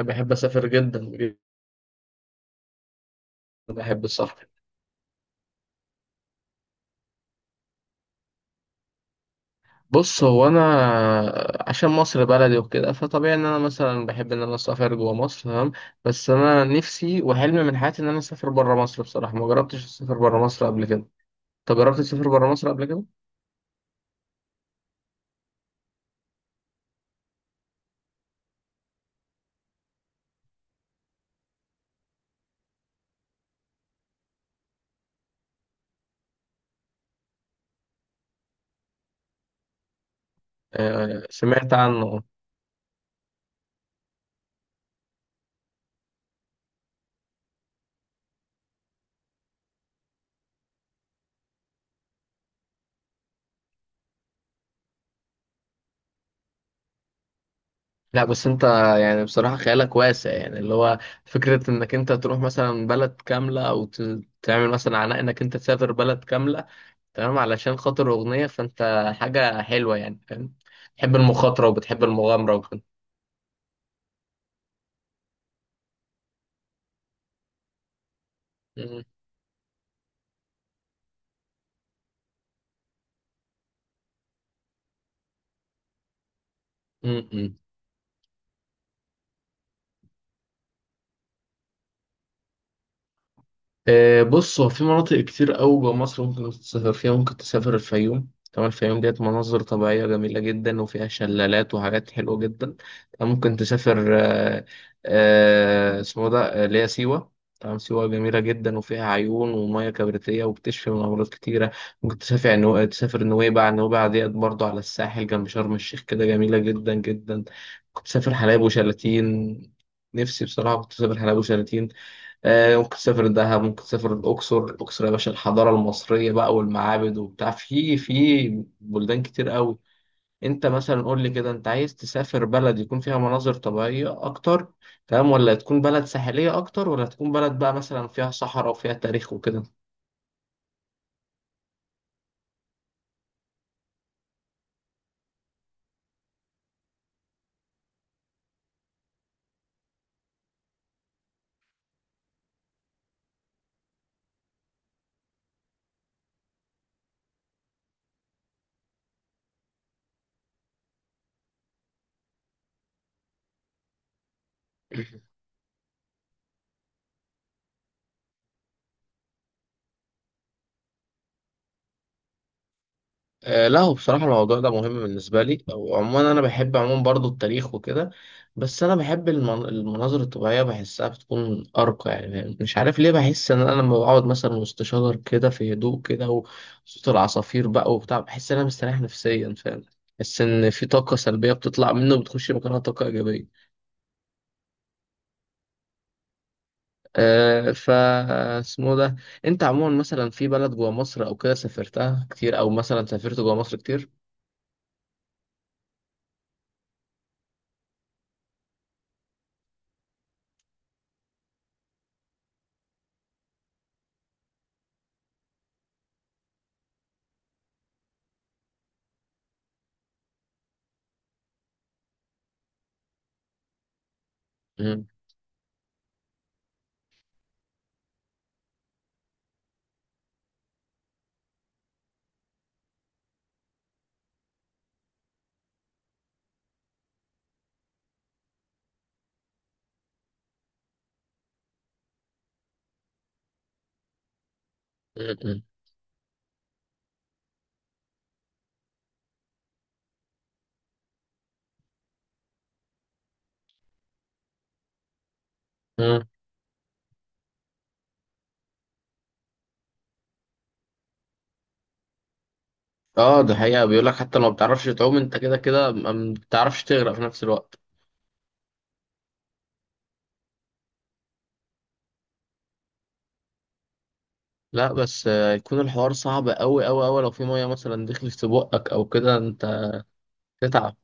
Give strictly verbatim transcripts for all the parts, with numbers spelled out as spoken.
بحب اسافر جدا جدا. بحب السفر. بص، هو انا عشان مصر بلدي وكده فطبيعي ان انا مثلا بحب ان انا اسافر جوه مصر. تمام. بس انا نفسي وحلمي من حياتي ان انا اسافر بره مصر. بصراحه ما جربتش اسافر بره مصر قبل كده. انت جربت تسافر بره مصر قبل كده؟ آه، سمعت عنه. لا، بس انت يعني بصراحه خيالك واسع، يعني اللي هو فكره انك انت تروح مثلا بلد كامله او ت- تعمل مثلا عناء انك انت تسافر بلد كامله تمام علشان خاطر أغنية، فأنت حاجة حلوة يعني، فاهم؟ بتحب المخاطرة وبتحب المغامرة وكده. م- م- م. آه، بص، هو في مناطق كتير قوي جوه مصر ممكن تسافر فيها. ممكن تسافر الفيوم. تمام، الفيوم ديت مناظر طبيعية جميلة جدا وفيها شلالات وحاجات حلوة جدا. تمام، ممكن تسافر آه، آه، اسمه ده آه، اللي هي سيوة. تمام، سيوة جميلة جدا وفيها عيون ومياه كبريتية وبتشفي من أمراض كتيرة. ممكن تسافر نو... تسافر نويبع. نويبع ديت برضو على الساحل جنب شرم الشيخ كده، جميلة جدا جدا. ممكن تسافر حلايب وشلاتين. نفسي بصراحة كنت أسافر حلايب وشلاتين. آه، ممكن تسافر دهب، ممكن تسافر الأقصر. الأقصر يا باشا الحضارة المصرية بقى والمعابد وبتاع، في في بلدان كتير قوي. أنت مثلا قول لي كده، أنت عايز تسافر بلد يكون فيها مناظر طبيعية أكتر، تمام، ولا تكون بلد ساحلية أكتر، ولا تكون بلد بقى مثلا فيها صحراء وفيها تاريخ وكده؟ آه، لا، هو بصراحة الموضوع ده مهم بالنسبة لي. وعموما أنا بحب عموما برضو التاريخ وكده، بس أنا بحب المن- المناظر الطبيعية. بحسها بتكون أرقى، يعني مش عارف ليه، بحس إن أنا لما بقعد مثلا وسط شجر كده في هدوء كده وصوت العصافير بقى وبتاع، بحس إن أنا مستريح نفسيا، فاهم؟ بحس إن في طاقة سلبية بتطلع منه وبتخش مكانها طاقة إيجابية. أه ف اسمه ده أنت عموما مثلا في بلد جوا مصر أو كده سافرتها كتير، أو مثلا سافرت جوا مصر كتير؟ مم. مم. اه، ده حقيقة. بيقول لك حتى لو ما بتعرفش تعوم، انت كده كده ما ما بتعرفش تغرق في نفس الوقت. لا، بس آه، يكون الحوار صعب قوي قوي قوي لو في مية مثلا دخلت في بقك او كده. انت تتعب.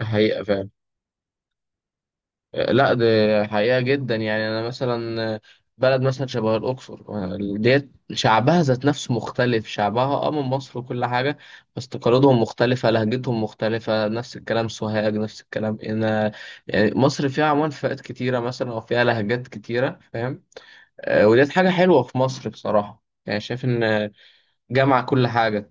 حقيقة فعلا. آه، لا، ده حقيقة جدا. يعني انا مثلا آه، بلد مثلا شبه الاقصر آه، ديت شعبها ذات نفسه مختلف. شعبها اه من مصر وكل حاجة، بس تقاليدهم مختلفة، لهجتهم مختلفة. نفس الكلام سوهاج، نفس الكلام هنا. يعني مصر فيها عمان فئات كتيرة مثلا، او فيها لهجات كتيرة، فاهم؟ آه، وديت حاجة حلوة في مصر بصراحة، يعني شايف إن جمع كل حاجة.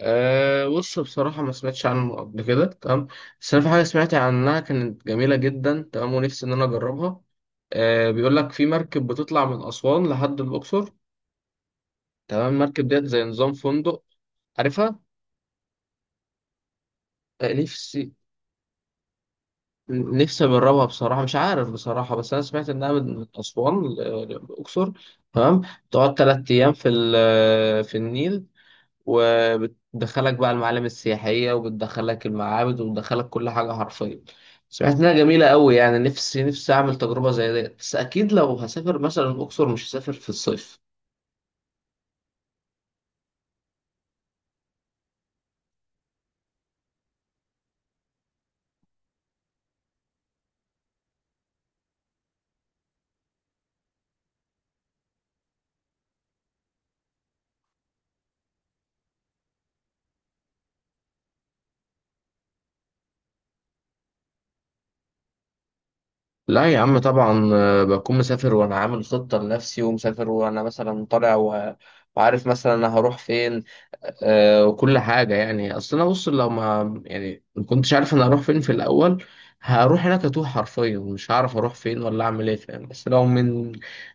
أه، بص، بصراحة ما سمعتش عنه قبل كده. تمام، بس أنا في حاجة سمعت عنها كانت جميلة جدا، تمام، ونفسي إن أنا أجربها. أه، بيقول لك في مركب بتطلع من أسوان لحد الأقصر. تمام، المركب ديت زي نظام فندق، عارفها. أه، نفسي نفسي أجربها بصراحة. مش عارف بصراحة، بس أنا سمعت إنها من من أسوان ل- للأقصر. تمام، تقعد تلات أيام في ال- في النيل. وبتدخلك بقى المعالم السياحية، وبتدخلك المعابد، وبتدخلك كل حاجة حرفيا. سمعت إنها جميلة أوي. يعني نفسي نفسي أعمل تجربة زي ديت، بس أكيد لو هسافر مثلا الأقصر مش هسافر في الصيف. لا يا عم، طبعا آه، بكون مسافر وانا عامل خطة لنفسي، ومسافر وانا مثلا طالع و- وعارف مثلا انا هروح فين. آه، وكل حاجة. يعني اصل انا بص، لو ما يعني ما كنتش عارف انا هروح فين في الاول، هروح هناك اتوه حرفيا، مش هعرف اروح فين ولا اعمل ايه، فاهم؟ بس لو من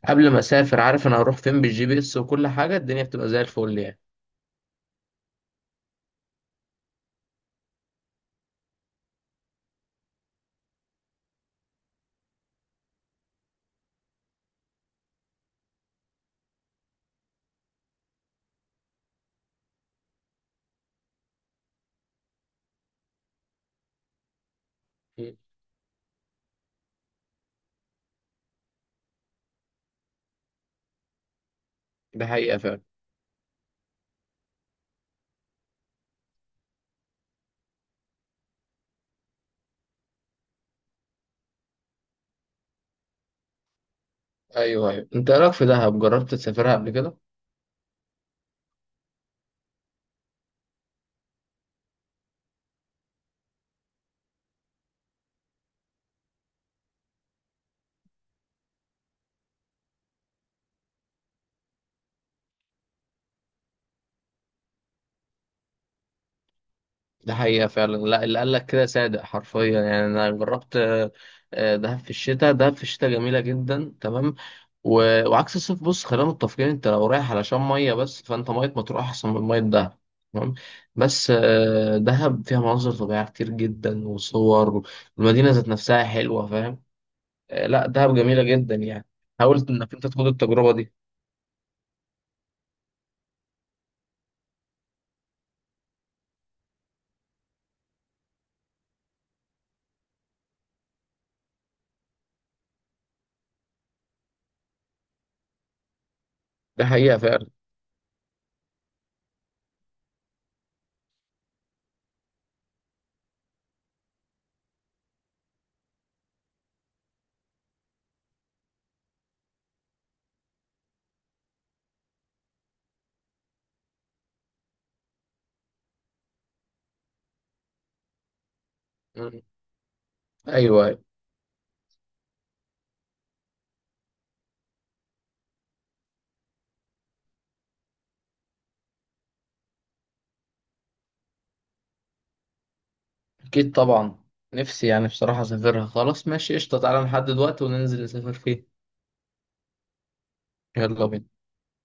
قبل ما اسافر عارف انا هروح فين بالجي بي اس وكل حاجة، الدنيا بتبقى زي الفل يعني. ده حقيقة فعلا. ايوه ايوه، انت إيه رايك في دهب؟ جربت تسافرها قبل كده؟ ده حقيقة فعلا. لا، اللي قال لك كده صادق حرفيا. يعني أنا جربت آه، آه، دهب في الشتاء. دهب في الشتاء جميلة جدا. تمام، و... وعكس الصيف. بص، خلينا متفقين، أنت لو رايح علشان مية بس، فأنت مية مطروح أحسن من مية دهب. تمام، بس آه، دهب فيها مناظر طبيعية كتير جدا وصور، والمدينة ذات نفسها حلوة، فاهم؟ آه، لا، دهب جميلة جدا يعني. حاولت إنك أنت تاخد التجربة دي؟ ده حقيقة فعلا. مم. أيوه. أيوه. أكيد طبعا. نفسي يعني بصراحة أسافرها. خلاص، ماشي، قشطة، تعالى نحدد وقت وننزل نسافر فيه. يلا بينا.